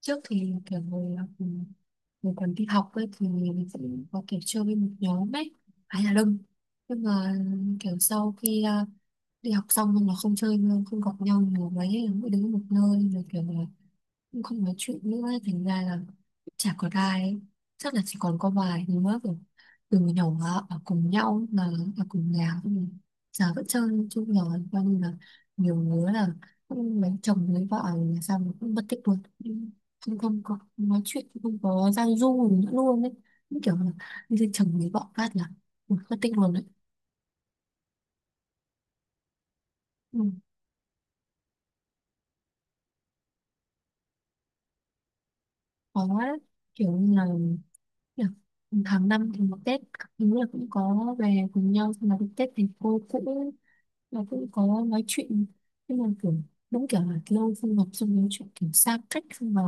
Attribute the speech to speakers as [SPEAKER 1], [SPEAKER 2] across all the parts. [SPEAKER 1] Trước thì kiểu hồi còn đi học ấy thì mình sẽ có kiểu chơi với một nhóm ấy phải là đông, nhưng mà kiểu sau khi đi học xong nhưng mà không chơi nữa, không gặp nhau nhiều mấy ấy, mỗi đứa một nơi rồi kiểu là cũng không nói chuyện nữa ấy, thành ra là chả có ai ấy. Chắc là chỉ còn có vài đứa rồi từ nhỏ ở cùng nhau mà ở cùng nhà cũng giờ vẫn chơi chung nhỏ, coi như là nhiều đứa là cũng lấy chồng lấy vợ là sao mà cũng mất tích luôn, không không có nói chuyện không có giao du gì nữa luôn đấy. Như kiểu là lấy chồng lấy vợ phát là mất tích luôn đấy. Ừ, khó đấy, kiểu như là được. Tháng năm thì một Tết các thứ là cũng có về cùng nhau xong là đến Tết thì cô cũng là cũng có nói chuyện, nhưng mà kiểu đúng kiểu là lâu không gặp xong nói chuyện kiểu xa cách xong mà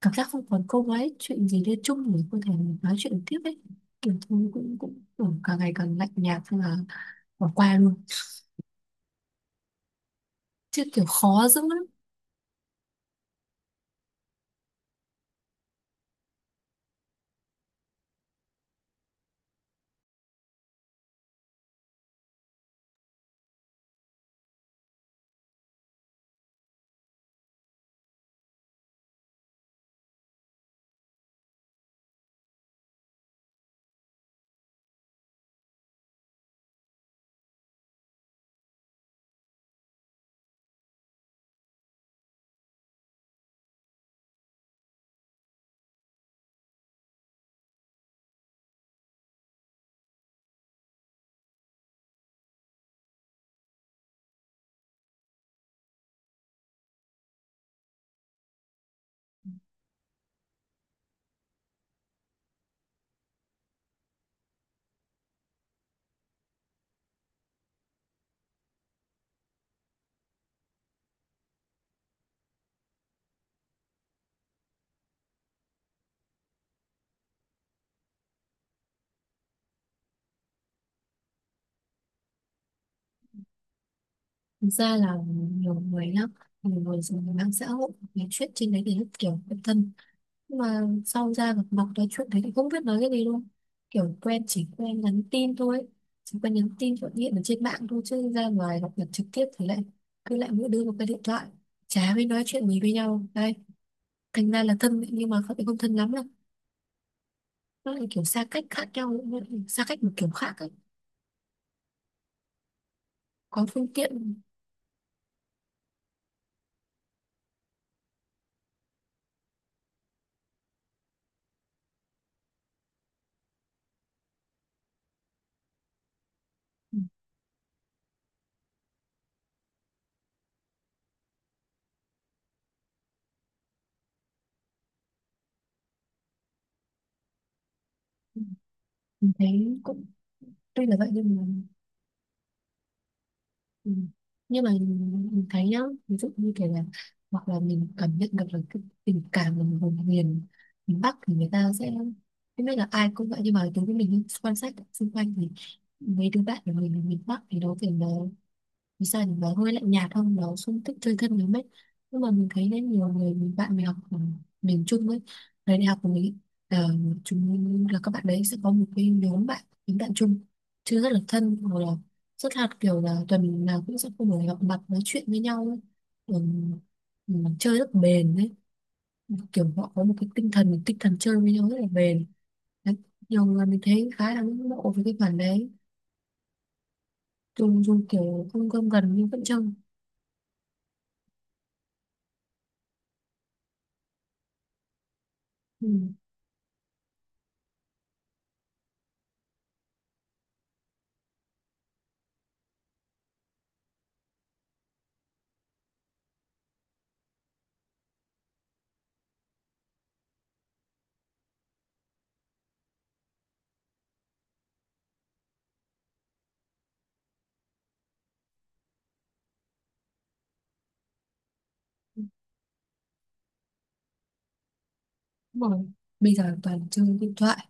[SPEAKER 1] cảm giác không còn cô ấy chuyện gì liên chung để có thể nói chuyện tiếp ấy, kiểu thôi cũng cũng kiểu càng ngày càng lạnh nhạt xong là bỏ qua luôn, chứ kiểu khó dữ lắm. Thực ra là nhiều người nhá, nhiều người dùng mạng xã hội nói chuyện trên đấy thì rất kiểu quen thân. Nhưng mà sau ra gặp mặt nói chuyện thấy thì không biết nói cái gì luôn. Kiểu quen chỉ quen nhắn tin thôi. Chỉ quen nhắn tin gọi điện ở trên mạng thôi chứ ra ngoài gặp mặt trực tiếp thì lại cứ lại mỗi đứa một cái điện thoại. Chả biết nói chuyện gì với nhau. Đây, thành ra là thân ấy, nhưng mà không không thân lắm đâu. Nó lại kiểu xa cách khác nhau, nó lại xa cách một kiểu khác ấy. Có phương tiện. Ừ. Ừ, mình thấy cũng tuy là vậy nhưng mà. Ừ. Nhưng mà mình thấy nhá, ví dụ như kiểu là hoặc là mình cảm nhận được là cái tình cảm của vùng miền, miền Bắc thì người ta sẽ không biết là ai cũng vậy, nhưng mà đối với mình ấy, quan sát xung quanh thì mấy đứa bạn của mình ở miền Bắc thì nó kiểu là vì sao thì nó hơi lạnh nhạt không, nó không thích chơi thân lắm ấy, nhưng mà mình thấy đấy nhiều người mình bạn mình học ở miền Trung ấy, thời đại học của mình, ờ, chúng là các bạn đấy sẽ có một cái nhóm bạn những bạn chung chứ rất là thân, hoặc là rất là kiểu là tuần nào cũng sẽ không phải gặp mặt nói chuyện với nhau ấy. Ừ, ừ, chơi rất bền đấy, kiểu họ có một cái tinh thần chơi với nhau rất là bền đấy. Nhiều người mình thấy khá là ngưỡng mộ với cái khoản đấy, dùng dùng kiểu không gom gần nhưng vẫn trông. Ừ. Đúng rồi. Bây giờ toàn chơi điện thoại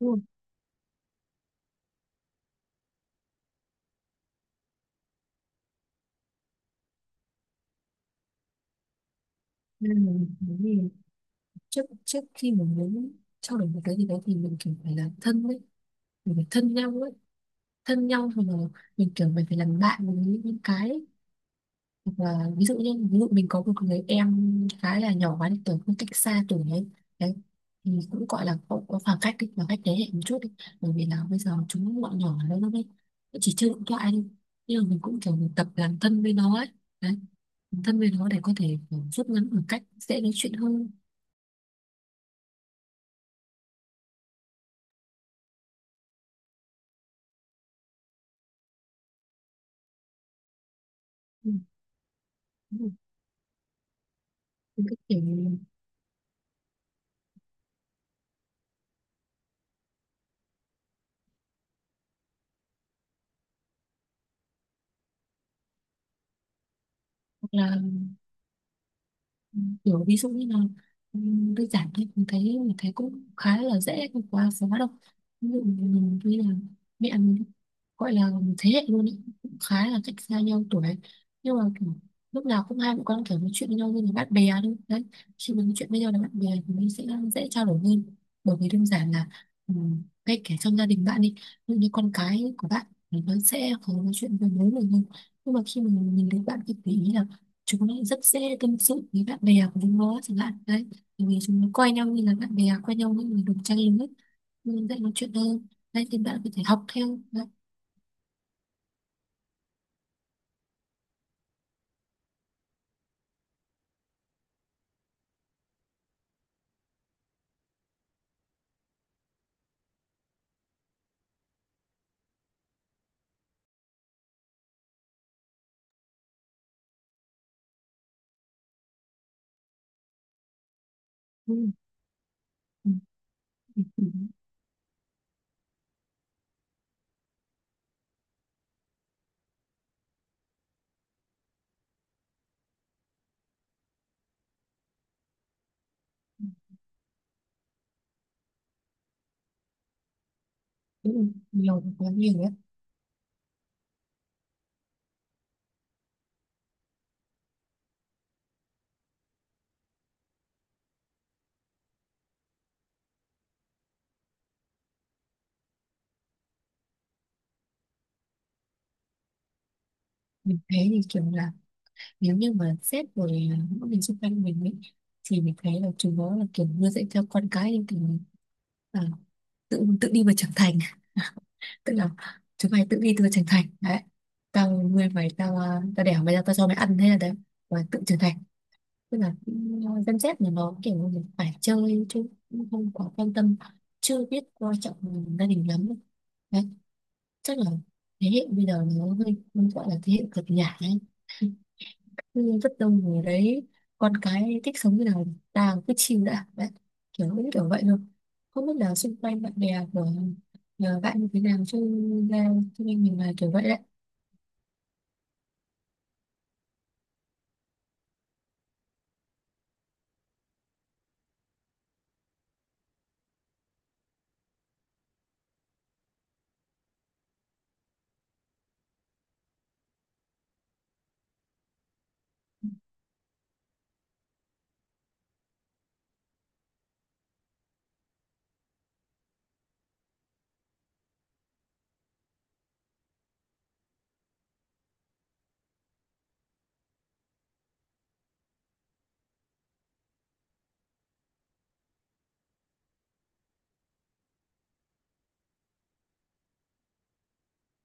[SPEAKER 1] đúng không? Nên là mình muốn gì trước trước khi mình muốn trao đổi một cái gì đấy thì mình kiểu phải là thân đấy, mình phải thân nhau ấy, thân nhau rồi là mình kiểu mình phải làm bạn với những cái. Và ví dụ như ví dụ mình có một người em khá là nhỏ quá đi, tuổi cũng cách xa tuổi ấy đấy, thì cũng gọi là có khoảng cách đi, khoảng cách thế hệ một chút đi, bởi vì là bây giờ chúng bọn nhỏ lớn lắm ấy, nó chỉ chơi điện thoại đi, nhưng mà mình cũng kiểu mình tập làm thân với nó ấy đấy, làm thân với nó để có thể kiểu rút ngắn khoảng cách dễ nói chuyện hơn. Ừ. Đúng rồi. Những cái kiểu hoặc là Ừ, kiểu ví dụ như là ừ, đơn giản thôi, mình thấy cũng khá là dễ không quá khó đâu, ví dụ mình như là mẹ mình gọi là thế hệ luôn ý, cũng khá là cách xa nhau tuổi, nhưng mà kiểu, lúc nào cũng hai mẹ con kiểu nói chuyện với nhau như là bạn bè thôi đấy, khi mình nói chuyện với nhau là bạn bè thì mình sẽ dễ trao đổi hơn, bởi vì đơn giản là ừ, ngay cả trong gia đình bạn đi, ví dụ như con cái của bạn thì nó sẽ khó nói chuyện với bố mình hơn, nhưng mà khi mình nhìn thấy bạn thì để ý là chúng nó rất dễ tâm sự với bạn bè của chúng nó chẳng hạn đấy, bởi vì chúng nó coi nhau như là bạn bè, coi nhau như là đồng trang lứa nên dễ nói chuyện hơn, đấy thì bạn có thể học theo đấy. Ừ. Ừ. Ừ. Ừ. Đúng, nhiều quá nhiều ấy. Mình thấy thì kiểu là nếu như mà sếp rồi những người xung quanh mình ấy, thì mình thấy là chúng nó là kiểu nuôi dạy theo con cái nhưng kiểu à, tự tự đi mà trưởng thành, tức là chúng mày tự đi tự trưởng thành đấy, tao nuôi mày, tao đẻ mày ra tao cho mày ăn thế là đấy và tự trưởng thành, tức là Gen Z là nó kiểu như là phải chơi chứ cũng không quá quan tâm, chưa biết coi trọng gia đình lắm đấy, chắc là thế hệ bây giờ nó hơi gọi là thế hệ cực nhả ấy. Ừ, rất đông người đấy, con cái thích sống như nào tàng cứ chill đã bạn, kiểu cũng kiểu vậy thôi, không biết là xung quanh bạn bè của nhờ bạn như thế nào chứ ra, cho nên mình là kiểu vậy đấy.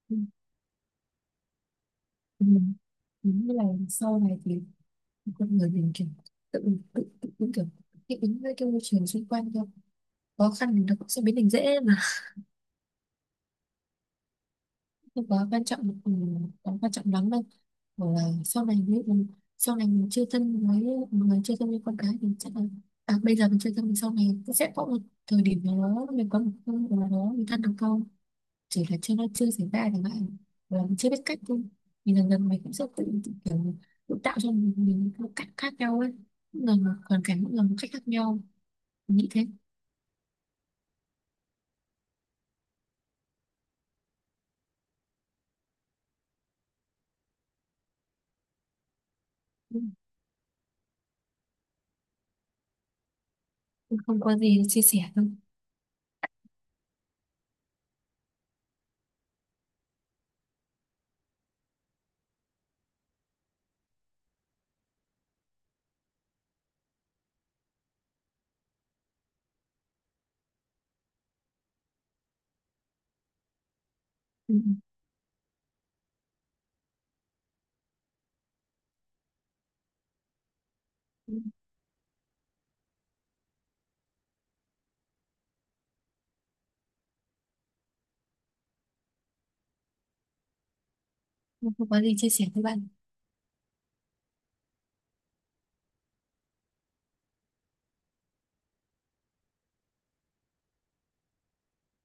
[SPEAKER 1] Ừ. Ừ, đúng là sau này thì con người mình kiểu tự tự tự cũng kiểu thích ứng với cái môi trường xung quanh thôi, khó khăn thì nó cũng sẽ biến thành dễ, không quá quan trọng quá quan trọng lắm đâu, hoặc là sau này nếu mình sau này mình chưa thân với người, chưa thân với con cái thì chắc là à, bây giờ mình chưa thân thì sau này cũng sẽ có một thời điểm nào đó mình có một con nào đó mình thân được không, chỉ là chưa nó chưa xảy ra chẳng hạn, hoặc là mình chưa biết cách thôi, thì dần dần mình cũng sẽ tự kiểu tự tạo cho mình một cách khác nhau ấy, mỗi lần một hoàn cảnh mỗi lần một cách khác nhau, mình nghĩ thế. Ừ, không có gì chia sẻ thôi. Ừ, ừ, ừ, không có gì chia sẻ với bạn.